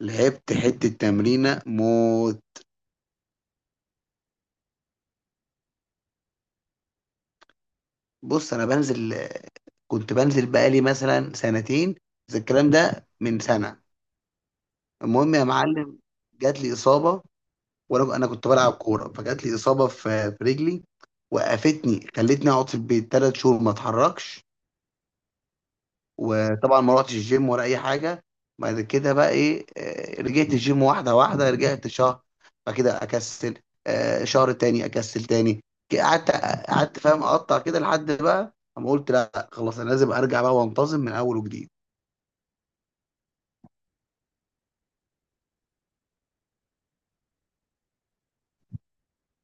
لعبت حتة تمرينة موت. بص، أنا بنزل، كنت بنزل بقالي مثلا سنتين، بس الكلام ده من سنة. المهم يا معلم، جات لي إصابة. وأنا كنت بلعب كورة فجات لي إصابة في رجلي. وقفتني، خلتني أقعد في البيت 3 شهور ما أتحركش. وطبعا ما رحتش الجيم ولا اي حاجه. بعد كده بقى ايه، رجعت الجيم واحده واحده، رجعت شهر. بعد كده اكسل. شهر تاني اكسل تاني. قعدت، قعدت فاهم اقطع كده لحد بقى اما قلت لا خلاص انا لازم ارجع بقى وانتظم من اول وجديد.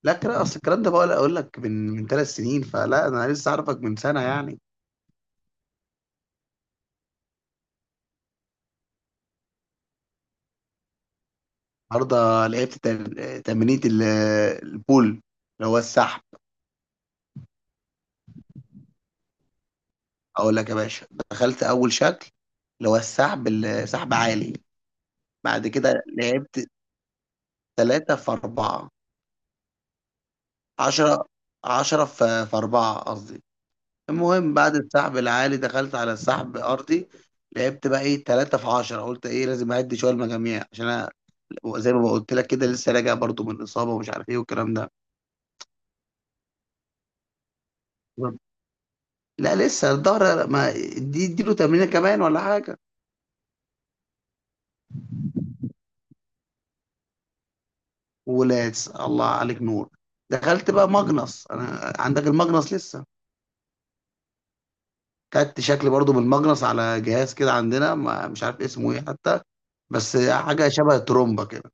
لا، كده اصل الكلام ده بقى اقول لك من 3 سنين، فلا انا لسه عارفك من سنه يعني. النهارده لعبت تمرينة البول اللي هو السحب. اقول لك يا باشا دخلت اول شكل اللي هو السحب عالي. بعد كده لعبت تلاتة في أربعة. عشرة، عشرة في أربعة قصدي. المهم بعد السحب العالي دخلت على السحب أرضي. لعبت بقى إيه تلاتة في عشرة، قلت إيه لازم أعد شوية المجاميع عشان أنا زي ما قلت لك كده لسه راجع برضو من إصابة ومش عارف إيه والكلام ده. لا لسه الظهر ما، دي اديله تمرينه كمان ولا حاجه. ولاس، الله عليك، نور. دخلت بقى ماجنس، انا عندك الماجنس لسه؟ خدت شكل برضو بالماجنس على جهاز كده عندنا ما مش عارف اسمه ايه حتى، بس حاجه شبه ترومبا كده.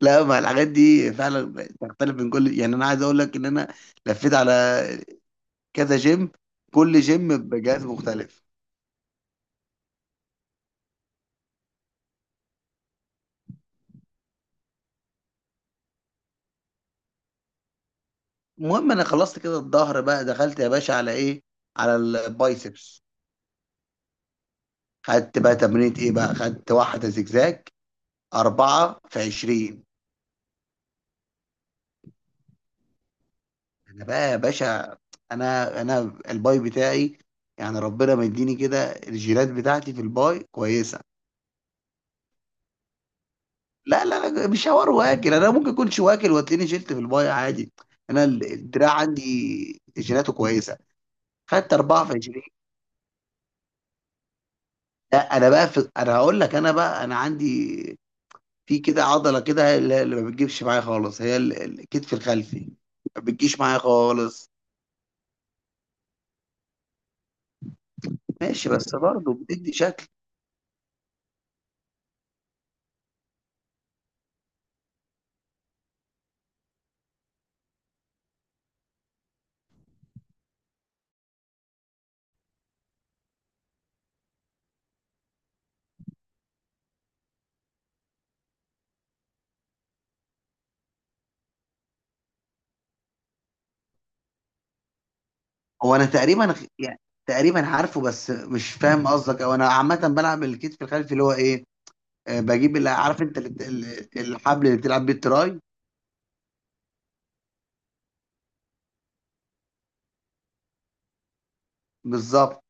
لا ما الحاجات دي فعلا تختلف من كل يعني، انا عايز اقول لك ان انا لفيت على كذا جيم، كل جيم بجهاز مختلف. المهم انا خلصت كده الظهر بقى، دخلت يا باشا على ايه؟ على البايسبس. خدت بقى تمرينة ايه بقى؟ خدت واحده زجزاج، أربعة في عشرين. انا بقى يا باشا، انا الباي بتاعي يعني ربنا مديني كده، الجينات بتاعتي في الباي كويسه. لا لا لا، مش حوار واكل، انا ممكن اكونش واكل وتلاقيني شلت في المايه عادي. انا الدراع عندي جيناته كويسه. خدت 24. لا انا بقى في... انا هقول لك، انا بقى انا عندي في كده عضله كده هي اللي ما بتجيبش معايا خالص، هي الكتف الخلفي، ما بتجيش معايا خالص. ماشي، بس برضه بتدي شكل. هو انا تقريبا يعني تقريبا عارفه، بس مش فاهم قصدك، او انا عامه بلعب الكتف الخلفي اللي هو ايه. بجيب اللي عارف انت الحبل اللي بتلعب بيه التراي. بالظبط،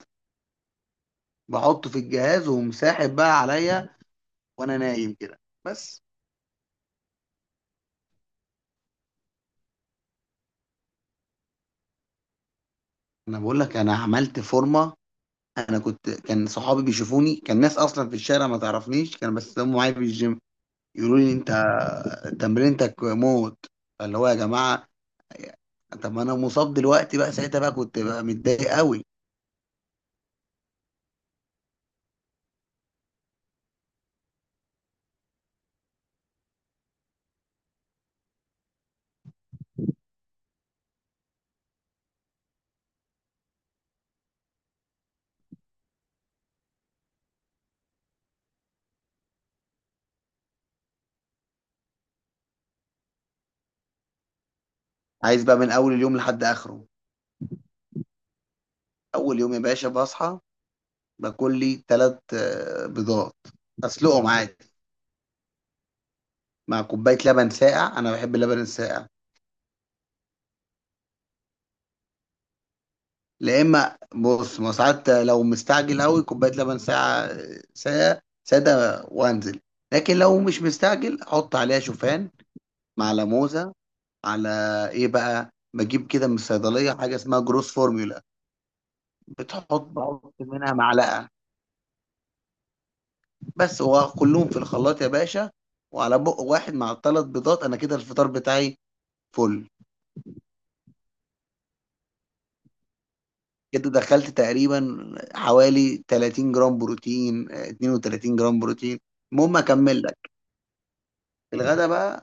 بحطه في الجهاز ومساحب بقى عليا وانا نايم كده بس. انا بقول لك انا عملت فورمه. انا كنت كان صحابي بيشوفوني، كان ناس اصلا في الشارع ما تعرفنيش، كانوا بس هم معايا في الجيم، يقولوا لي انت تمرينتك موت. فاللي هو يا جماعه، طب ما انا مصاب دلوقتي بقى، ساعتها بقى كنت بقى متضايق قوي. عايز بقى من اول اليوم لحد اخره. اول يوم يا باشا بصحى، باكل لي ثلاث بيضات، اسلقهم عادي، مع كوبايه لبن ساقع، انا بحب اللبن الساقع. لا اما بص، ما ساعات لو مستعجل قوي كوبايه لبن ساعه، ساعه ساده، وانزل. لكن لو مش مستعجل احط عليها شوفان، مع لموزه، على ايه بقى؟ بجيب كده من الصيدليه حاجه اسمها جروس فورمولا. بحط منها معلقه، بس هو كلهم في الخلاط يا باشا. وعلى بق واحد مع الثلاث بيضات، انا كده الفطار بتاعي. فل. كده دخلت تقريبا حوالي 30 جرام بروتين، 32 جرام بروتين. المهم اكمل. الغدا بقى،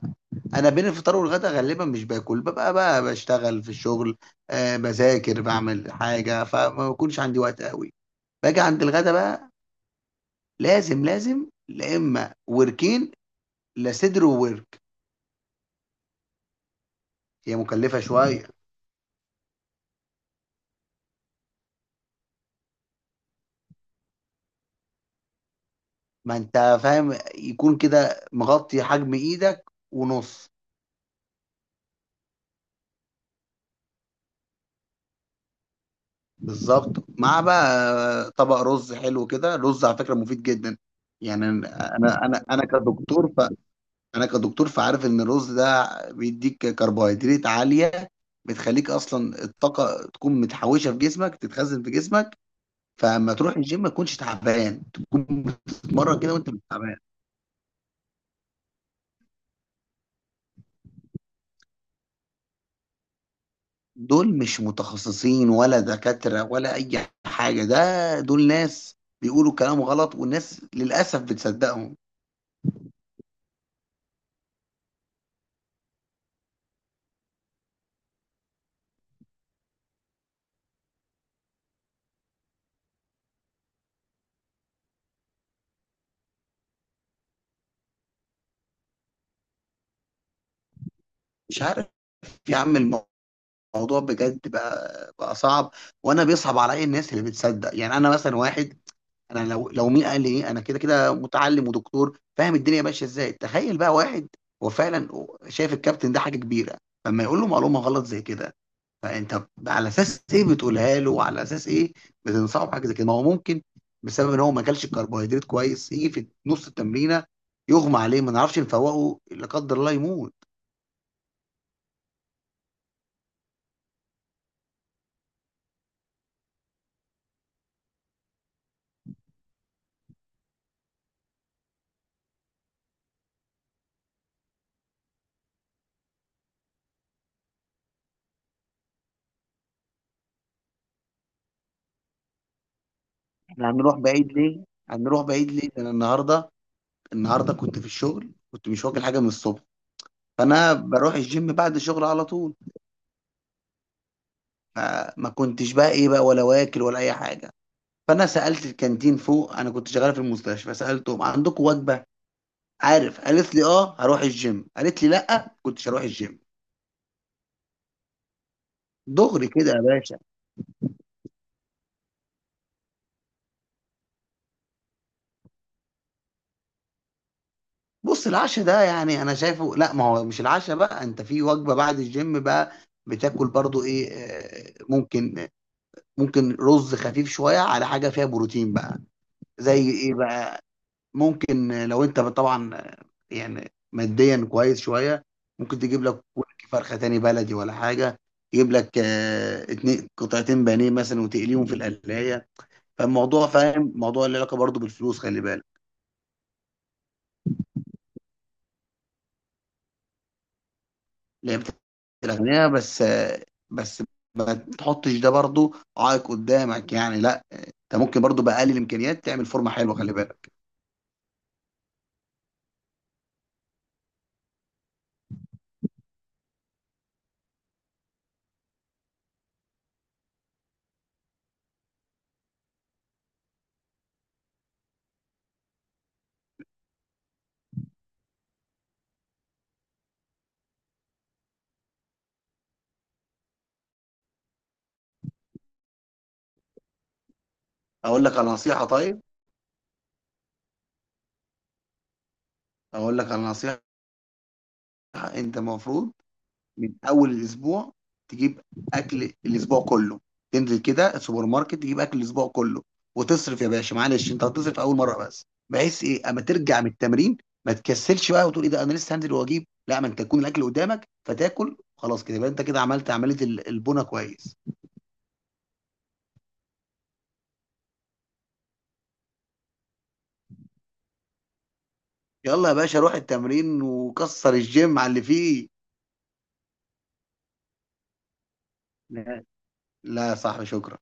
انا بين الفطار والغدا غالبا مش باكل، ببقى بقى بشتغل في الشغل، آه بذاكر بعمل حاجه، فما بكونش عندي وقت قوي. باجي عند الغدا بقى، لازم لازم لا اما وركين، لا صدر وورك. هي مكلفه شويه. ما انت فاهم يكون كده مغطي حجم ايدك ونص. بالظبط، مع بقى طبق رز حلو كده، رز على فكره مفيد جدا. يعني انا انا انا أنا كدكتور، انا كدكتور فعارف ان الرز ده بيديك كربوهيدرات عاليه، بتخليك اصلا الطاقه تكون متحوشه في جسمك، تتخزن في جسمك. فما تروح الجيم ما تكونش تعبان، تكون بتتمرن كده وانت مش تعبان. دول مش متخصصين ولا دكاتره ولا اي حاجه، ده دول ناس بيقولوا كلام غلط، والناس للاسف بتصدقهم. مش عارف يا عم، الموضوع بجد بقى صعب. وانا بيصعب عليا الناس اللي بتصدق، يعني انا مثلا واحد، انا لو مين قال لي إيه؟ انا كده كده متعلم ودكتور فاهم الدنيا ماشيه ازاي. تخيل بقى واحد هو فعلا شايف الكابتن ده حاجه كبيره، فما يقول له معلومه غلط زي كده، فانت على اساس ايه بتقولها له؟ وعلى اساس ايه بتنصحه بحاجه زي كده؟ ما هو ممكن بسبب ان هو ما اكلش الكربوهيدرات كويس، يجي في نص التمرينه يغمى عليه، ما نعرفش نفوقه، لا قدر الله يموت. احنا هنروح بعيد ليه؟ هنروح بعيد ليه؟ ده انا النهارده، النهارده كنت في الشغل، كنت مش واكل حاجه من الصبح. فانا بروح الجيم بعد الشغل على طول، ما كنتش بقى ايه بقى، ولا واكل ولا اي حاجه. فانا سالت الكانتين فوق، انا كنت شغال في المستشفى، سالتهم عندكم وجبه، عارف؟ قالت لي اه. هروح الجيم؟ قالت لي لا كنتش. هروح الجيم دغري كده يا باشا. بص العشاء ده يعني انا شايفه، لا ما هو مش العشاء بقى، انت في وجبه بعد الجيم بقى بتاكل برضو ايه، ممكن، ممكن رز خفيف شويه على حاجه فيها بروتين بقى. زي ايه بقى؟ ممكن لو انت طبعا يعني ماديا كويس شويه، ممكن تجيب لك ورك فرخه تاني بلدي ولا حاجه، تجيب لك اتنين قطعتين بانيه مثلا، وتقليهم في القلايه. فالموضوع فاهم موضوع اللي علاقه برضه بالفلوس، خلي بالك. لعبه الاغنياء بس، بس ما تحطش ده برضه عائق قدامك، يعني لا، انت ممكن برضه باقل الامكانيات تعمل فورمه حلوه، خلي بالك. اقول لك على نصيحه، طيب اقول لك على نصيحه، انت المفروض من اول الاسبوع تجيب اكل الاسبوع كله، تنزل كده السوبر ماركت، تجيب اكل الاسبوع كله وتصرف يا باشا، معلش انت هتصرف اول مره، بس بحيث ايه اما ترجع من التمرين ما تكسلش بقى وتقول ايه ده انا لسه هنزل واجيب، لا، ما انت يكون الاكل قدامك فتاكل خلاص، كده يبقى انت كده عملت عمليه البونه كويس. يلا يا باشا روح التمرين وكسر الجيم على اللي فيه. لا، لا يا صاحبي شكرا.